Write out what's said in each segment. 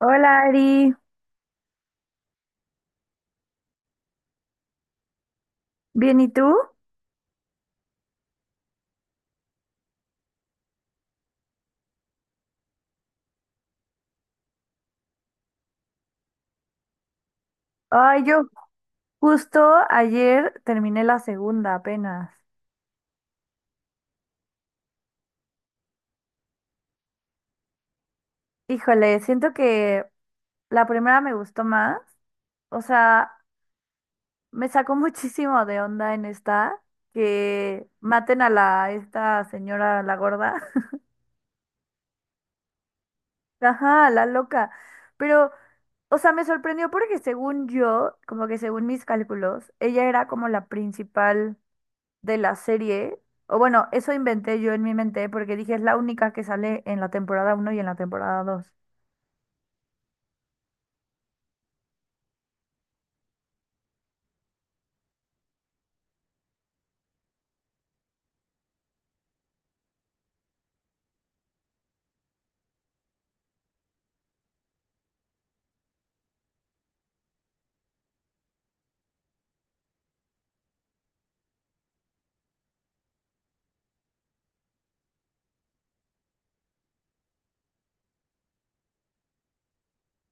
Hola Ari, ¿bien y tú? Ay, yo justo ayer terminé la segunda apenas. Híjole, siento que la primera me gustó más. O sea, me sacó muchísimo de onda en esta, que maten a esta señora, la gorda. Ajá, la loca. Pero, o sea, me sorprendió porque según yo, como que según mis cálculos, ella era como la principal de la serie, o bueno, eso inventé yo en mi mente porque dije es la única que sale en la temporada uno y en la temporada dos.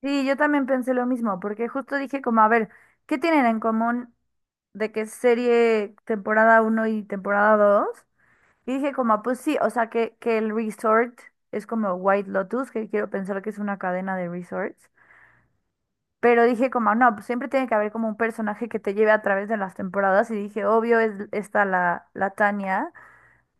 Sí, yo también pensé lo mismo, porque justo dije como, a ver, ¿qué tienen en común de que serie temporada uno y temporada dos? Y dije como, ah, pues sí, o sea, que el resort es como White Lotus, que quiero pensar que es una cadena de resorts. Pero dije como, ah, no, pues siempre tiene que haber como un personaje que te lleve a través de las temporadas. Y dije, obvio, es esta la Tania.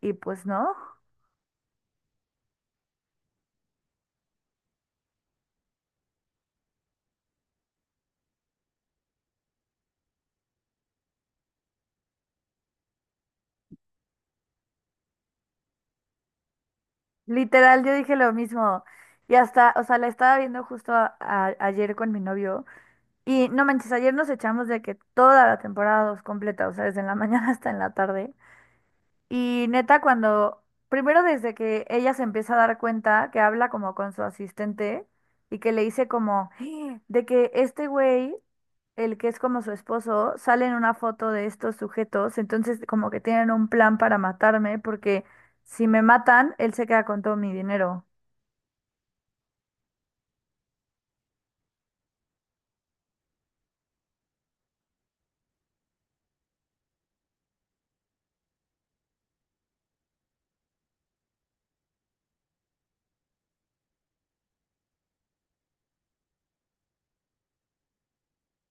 Y pues no. Literal, yo dije lo mismo. Y hasta, o sea, la estaba viendo justo ayer con mi novio. Y no manches, ayer nos echamos de que toda la temporada dos completa, o sea, desde la mañana hasta en la tarde. Y neta, cuando, primero desde que ella se empieza a dar cuenta que habla como con su asistente y que le dice como, "Ah, de que este güey, el que es como su esposo, sale en una foto de estos sujetos, entonces como que tienen un plan para matarme porque si me matan, él se queda con todo mi dinero.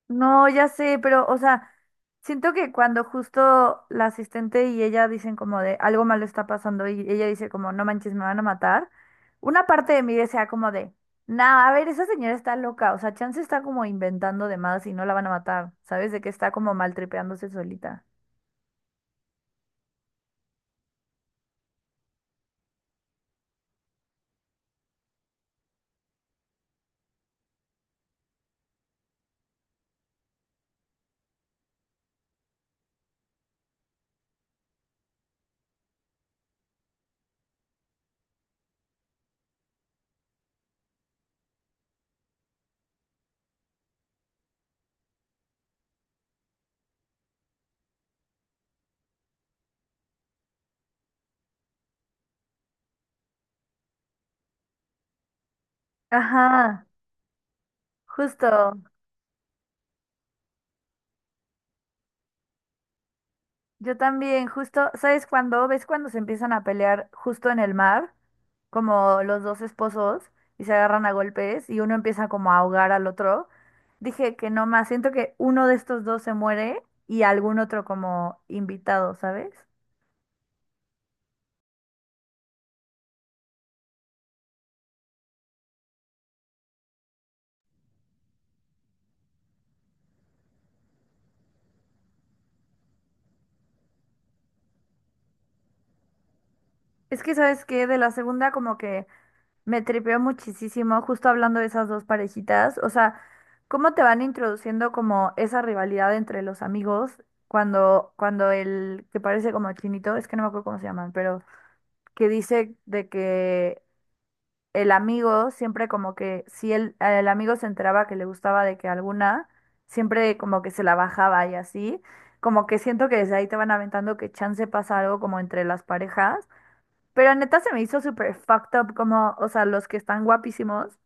No, ya sé, pero, o sea, siento que cuando justo la asistente y ella dicen como de algo malo está pasando y ella dice como no manches, me van a matar, una parte de mí desea como de, nah, a ver, esa señora está loca, o sea, Chance está como inventando de más y no la van a matar, ¿sabes? De que está como maltripeándose solita. Ajá, justo. Yo también, justo, ¿sabes cuándo? ¿Ves cuando se empiezan a pelear justo en el mar? Como los dos esposos y se agarran a golpes y uno empieza como a ahogar al otro. Dije que no más, siento que uno de estos dos se muere y algún otro como invitado, ¿sabes? Es que, ¿sabes qué? De la segunda como que me tripeó muchísimo justo hablando de esas dos parejitas. O sea, cómo te van introduciendo como esa rivalidad entre los amigos cuando, el que parece como chinito, es que no me acuerdo cómo se llaman, pero que dice de que el amigo siempre como que si el amigo se enteraba que le gustaba de que alguna, siempre como que se la bajaba y así. Como que siento que desde ahí te van aventando que chance pasa algo como entre las parejas. Pero neta se me hizo súper fucked up como, o sea, los que están guapísimos.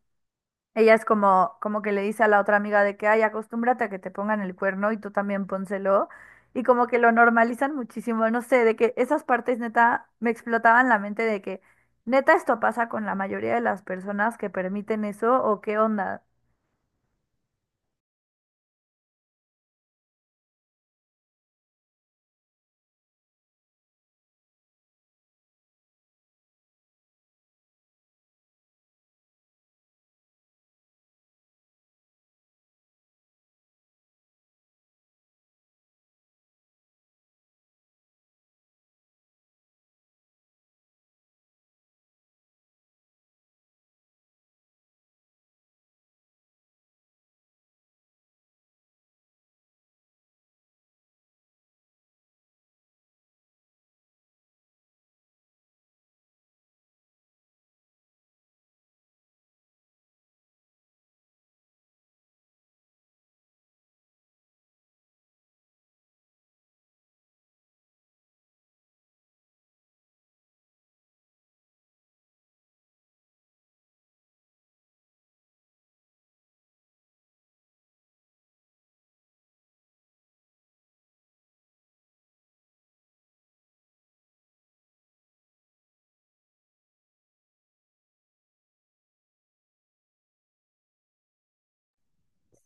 Ella es como, como que le dice a la otra amiga de que, ay, acostúmbrate a que te pongan el cuerno y tú también pónselo. Y como que lo normalizan muchísimo, no sé, de que esas partes neta me explotaban la mente de que neta esto pasa con la mayoría de las personas que permiten eso o qué onda.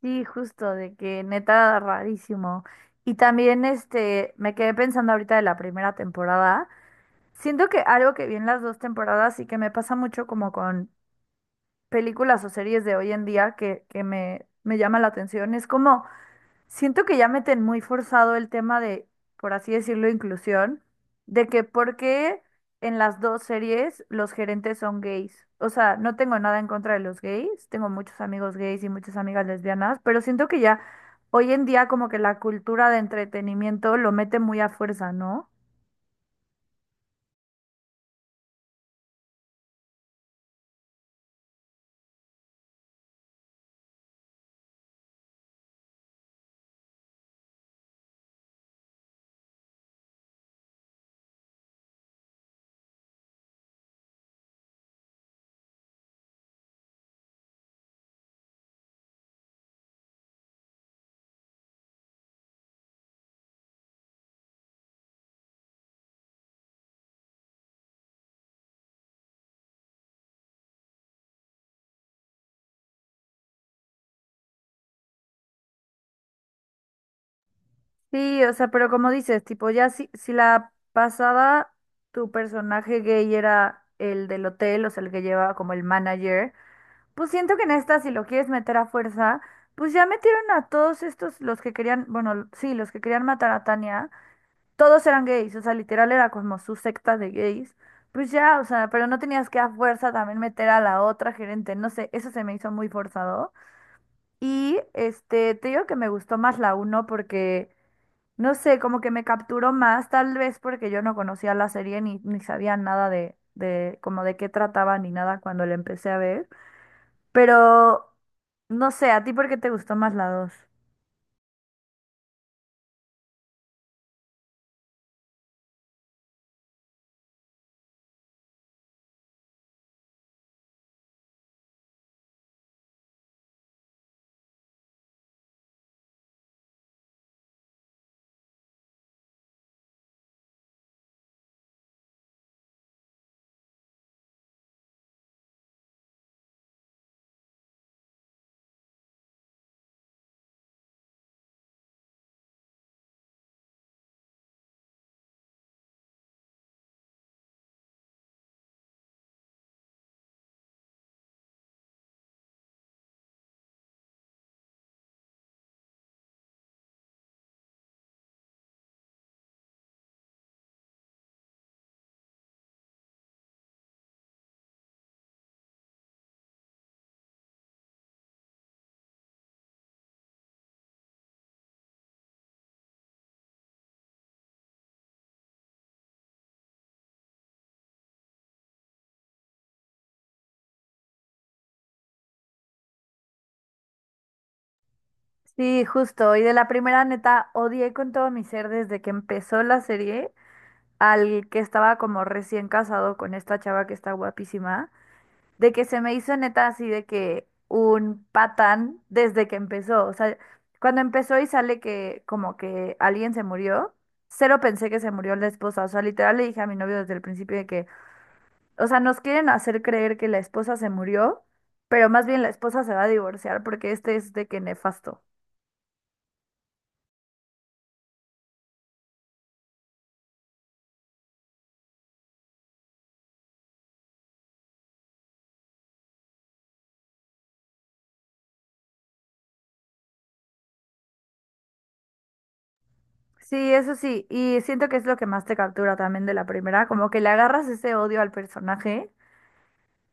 Sí, justo, de que neta rarísimo. Y también este, me quedé pensando ahorita de la primera temporada. Siento que algo que vi en las dos temporadas y que me pasa mucho como con películas o series de hoy en día que me llama la atención. Es como, siento que ya meten muy forzado el tema de, por así decirlo, inclusión, de que por qué en las dos series los gerentes son gays. O sea, no tengo nada en contra de los gays, tengo muchos amigos gays y muchas amigas lesbianas, pero siento que ya hoy en día como que la cultura de entretenimiento lo mete muy a fuerza, ¿no? Sí, o sea, pero como dices, tipo, ya si la pasada tu personaje gay era el del hotel, o sea, el que lleva como el manager, pues siento que en esta, si lo quieres meter a fuerza, pues ya metieron a todos estos, los que querían, bueno, sí, los que querían matar a Tania, todos eran gays, o sea, literal era como su secta de gays, pues ya, o sea, pero no tenías que a fuerza también meter a la otra gerente, no sé, eso se me hizo muy forzado. Y este, te digo que me gustó más la uno porque... No sé, como que me capturó más, tal vez porque yo no conocía la serie ni sabía nada de como de qué trataba ni nada cuando la empecé a ver. Pero no sé, ¿a ti por qué te gustó más la dos? Sí, justo. Y de la primera neta odié con todo mi ser desde que empezó la serie al que estaba como recién casado con esta chava que está guapísima. De que se me hizo neta así de que un patán desde que empezó. O sea, cuando empezó y sale que como que alguien se murió, cero pensé que se murió la esposa. O sea, literal le dije a mi novio desde el principio de que, o sea, nos quieren hacer creer que la esposa se murió, pero más bien la esposa se va a divorciar porque este es de que nefasto. Sí, eso sí, y siento que es lo que más te captura también de la primera, como que le agarras ese odio al personaje.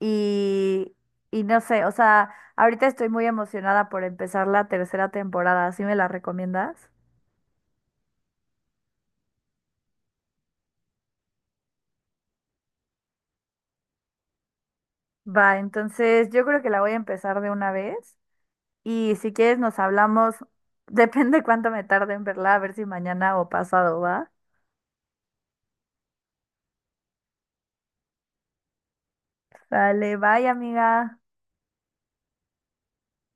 Y, y no sé, o sea, ahorita estoy muy emocionada por empezar la tercera temporada. ¿Sí me la recomiendas? Va, entonces yo creo que la voy a empezar de una vez. Y si quieres nos hablamos, depende cuánto me tarde en verla, a ver si mañana o pasado, ¿va? Vale, bye, amiga.